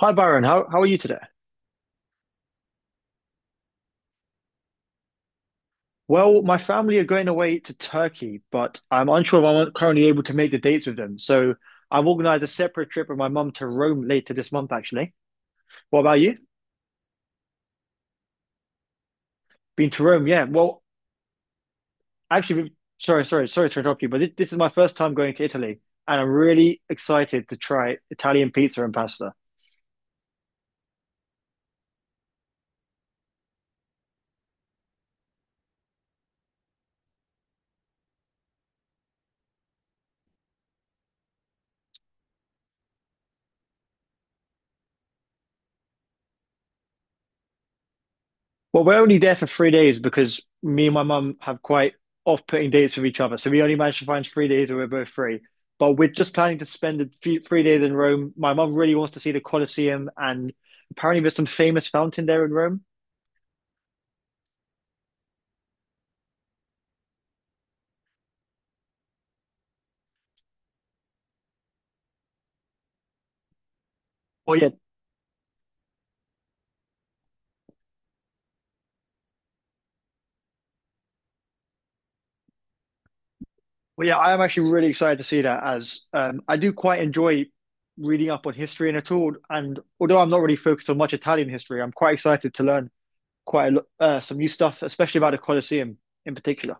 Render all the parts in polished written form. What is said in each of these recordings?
Hi, Byron. How are you today? Well, my family are going away to Turkey, but I'm unsure if I'm currently able to make the dates with them. So I've organized a separate trip with my mum to Rome later this month, actually. What about you? Been to Rome? Yeah. Well, actually, sorry to interrupt you, but this is my first time going to Italy, and I'm really excited to try Italian pizza and pasta. Well, we're only there for 3 days because me and my mum have quite off-putting dates with each other. So we only managed to find 3 days where we're both free. But we're just planning to spend 3 days in Rome. My mum really wants to see the Colosseum, and apparently there's some famous fountain there in Rome. Well, yeah, well, yeah, I am actually really excited to see that, as I do quite enjoy reading up on history and at all. And although I'm not really focused on much Italian history, I'm quite excited to learn some new stuff, especially about the Colosseum in particular.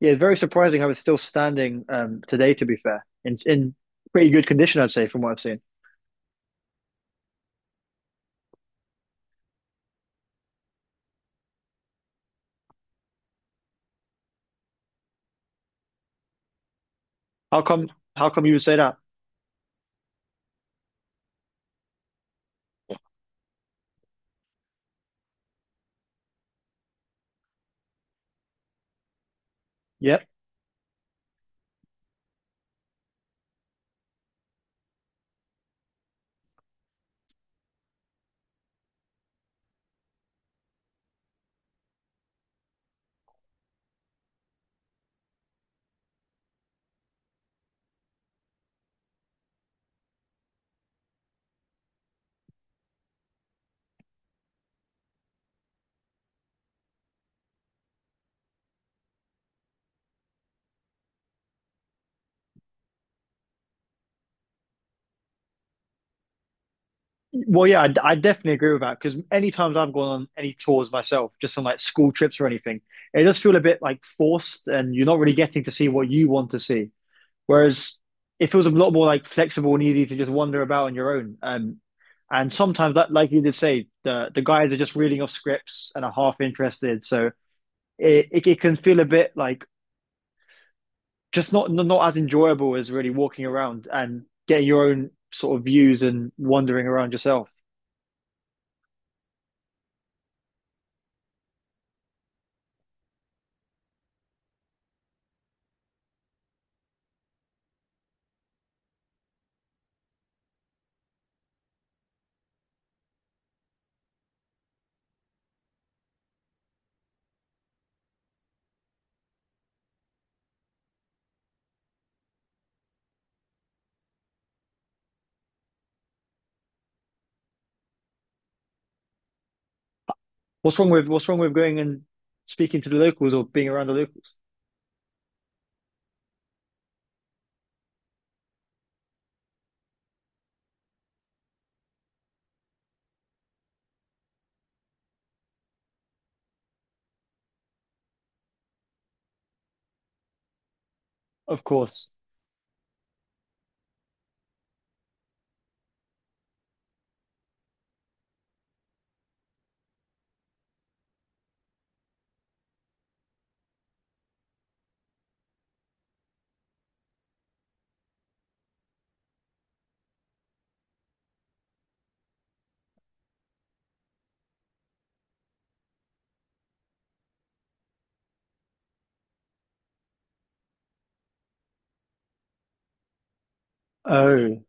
Yeah, very surprising how it's still standing today, to be fair. In pretty good condition, I'd say, from what I've seen. How come how come you would say that? Yeah. Well, yeah, I definitely agree with that because any times I've gone on any tours myself, just on like school trips or anything, it does feel a bit like forced and you're not really getting to see what you want to see. Whereas it feels a lot more like flexible and easy to just wander about on your own. And sometimes that, like you did say, the guys are just reading off scripts and are half interested. So it can feel a bit like just not as enjoyable as really walking around and getting your own sort of views and wandering around yourself. What's wrong with going and speaking to the locals or being around the locals? Of course. Oh,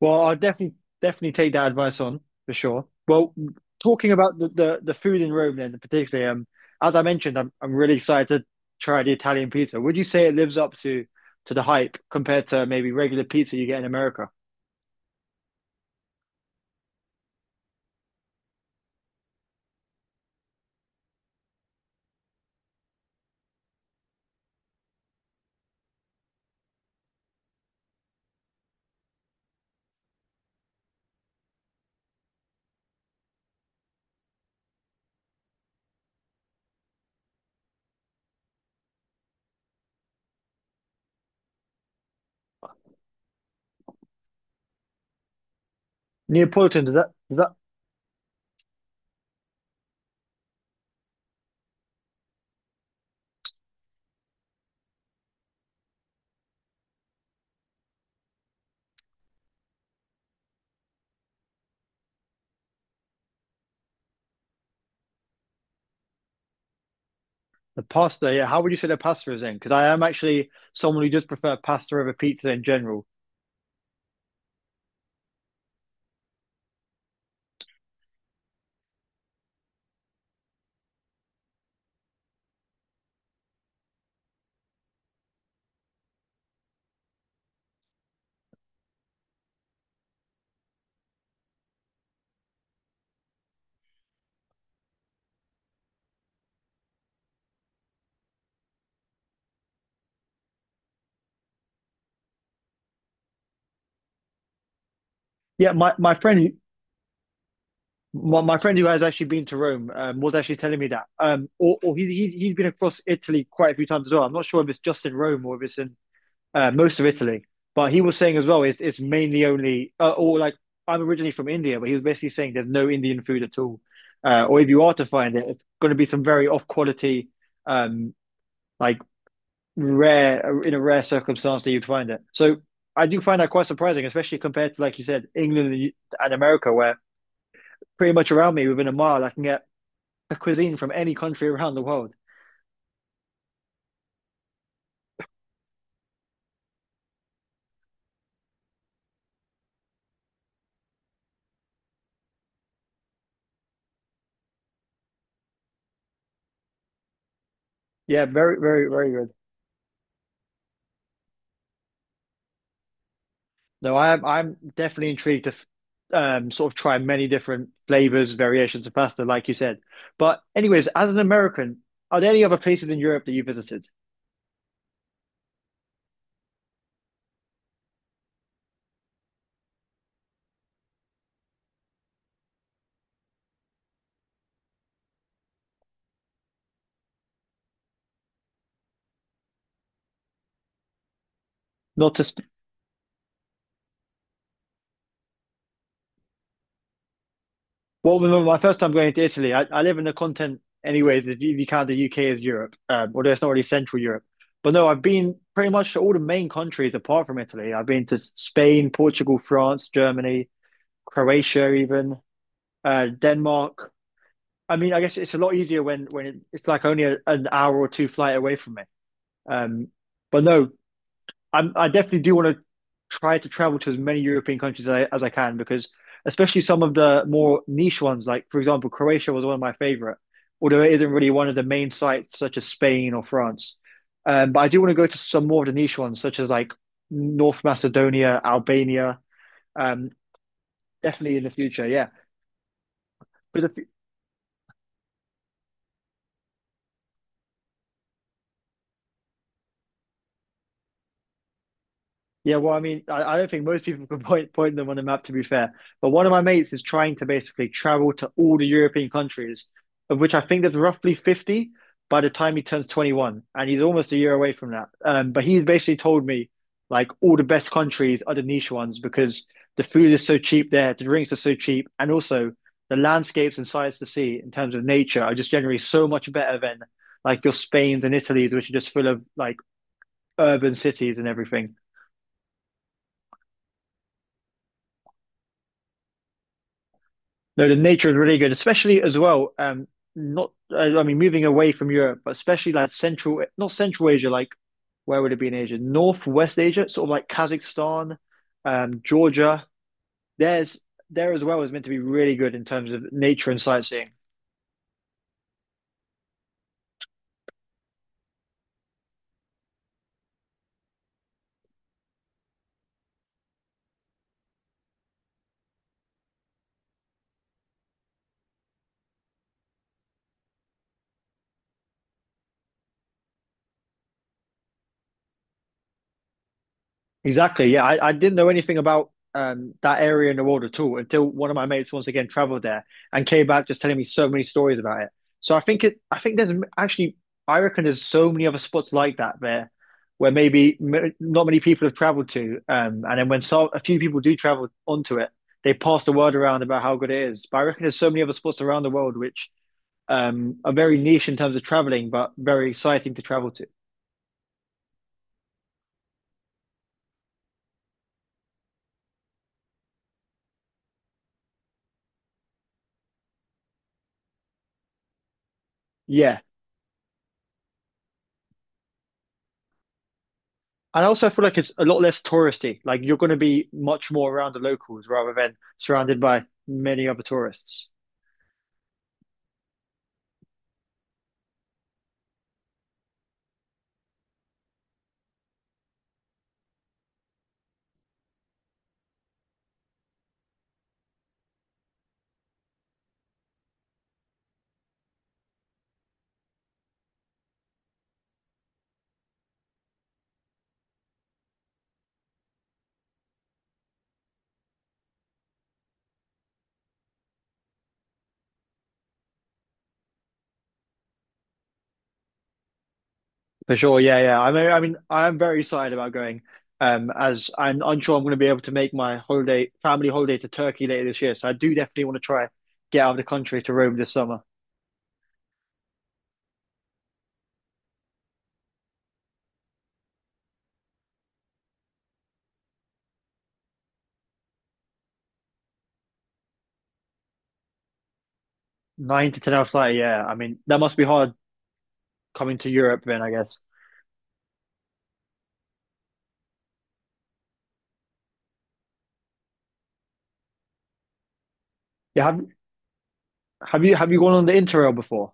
well, I'll definitely take that advice on for sure. Well, talking about the food in Rome then particularly, as I mentioned, I'm really excited to try the Italian pizza. Would you say it lives up to the hype compared to maybe regular pizza you get in America? Neapolitan, does that The pasta, yeah. How would you say the pasta is in? Because I am actually someone who does prefer pasta over pizza in general. Yeah, my friend who has actually been to Rome, was actually telling me that. Or he's been across Italy quite a few times as well. I'm not sure if it's just in Rome or if it's in most of Italy, but he was saying as well, it's mainly only or like I'm originally from India, but he was basically saying there's no Indian food at all, or if you are to find it, it's going to be some very off quality, um, like rare in a rare circumstance that you'd find it. So I do find that quite surprising, especially compared to, like you said, England and America, where pretty much around me within a mile I can get a cuisine from any country around the world. Yeah, very, very, very good. No, I'm definitely intrigued to sort of try many different flavors, variations of pasta, like you said. But anyways, as an American, are there any other places in Europe that you visited? Not to sp Well, remember my first time going to Italy, I live in the continent anyways, if you count the UK as Europe, although it's not really Central Europe. But no, I've been pretty much to all the main countries apart from Italy. I've been to Spain, Portugal, France, Germany, Croatia even, Denmark. I mean, I guess it's a lot easier when it's like only an hour or 2 flight away from me. Um, but no, I'm, I definitely do want to try to travel to as many European countries as as I can, because especially some of the more niche ones, like for example, Croatia was one of my favorite, although it isn't really one of the main sites such as Spain or France. But I do want to go to some more of the niche ones, such as like North Macedonia, Albania, um, definitely in the future. Yeah, because Yeah, well, I mean, I don't think most people can point them on the map, to be fair. But one of my mates is trying to basically travel to all the European countries, of which I think there's roughly 50 by the time he turns 21, and he's almost a year away from that. But he's basically told me like all the best countries are the niche ones because the food is so cheap there, the drinks are so cheap, and also the landscapes and sights to see in terms of nature are just generally so much better than like your Spains and Italies, which are just full of like urban cities and everything. No, the nature is really good, especially as well. Not I, I mean, moving away from Europe, but especially like not Central Asia, like where would it be in Asia? Northwest Asia, sort of like Kazakhstan, Georgia. There's there as well is meant to be really good in terms of nature and sightseeing. Exactly. Yeah, I didn't know anything about that area in the world at all until one of my mates once again traveled there and came back just telling me so many stories about it. So I think there's actually, I reckon there's so many other spots like that there where maybe m not many people have traveled to. And then when so, A few people do travel onto it, they pass the word around about how good it is. But I reckon there's so many other spots around the world which are very niche in terms of traveling, but very exciting to travel to. Yeah, and also, I feel like it's a lot less touristy. Like you're going to be much more around the locals rather than surrounded by many other tourists. For sure, yeah, yeah. I mean, I am very excited about going. As I'm unsure I'm going to be able to make my holiday, family holiday to Turkey later this year. So I do definitely want to try get out of the country to Rome this summer. 9 to 10 hour flight, yeah. I mean, that must be hard coming to Europe then, I guess. Yeah, have you gone on the Interrail before?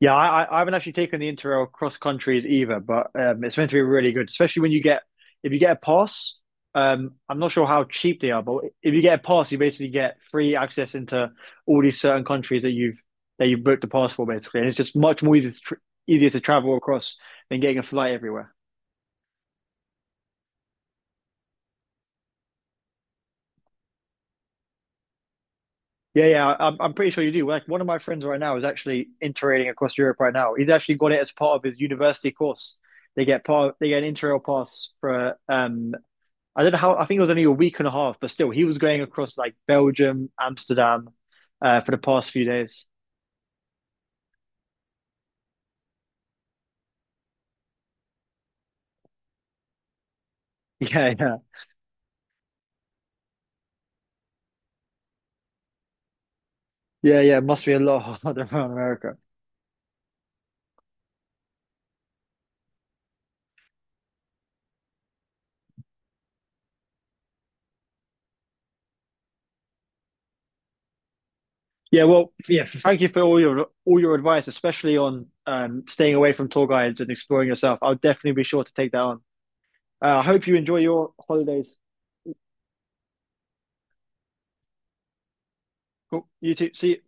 Yeah, I haven't actually taken the Interrail cross countries either, but it's meant to be really good, especially when you get if you get a pass. I'm not sure how cheap they are, but if you get a pass, you basically get free access into all these certain countries that you booked the pass for, basically, and it's just much more easy to tr easier to travel across than getting a flight everywhere. Yeah, yeah, I'm pretty sure you do. Like one of my friends right now is actually interrailing across Europe right now. He's actually got it as part of his university course. They get an Interrail pass for I don't know how, I think it was only a week and a half, but still, he was going across like Belgium, Amsterdam, for the past few days. Yeah, yeah, yeah, yeah. It must be a lot harder around America. Yeah, well, yeah. Thank you for all your advice, especially on staying away from tour guides and exploring yourself. I'll definitely be sure to take that on. I hope you enjoy your holidays. Cool. You too. See you.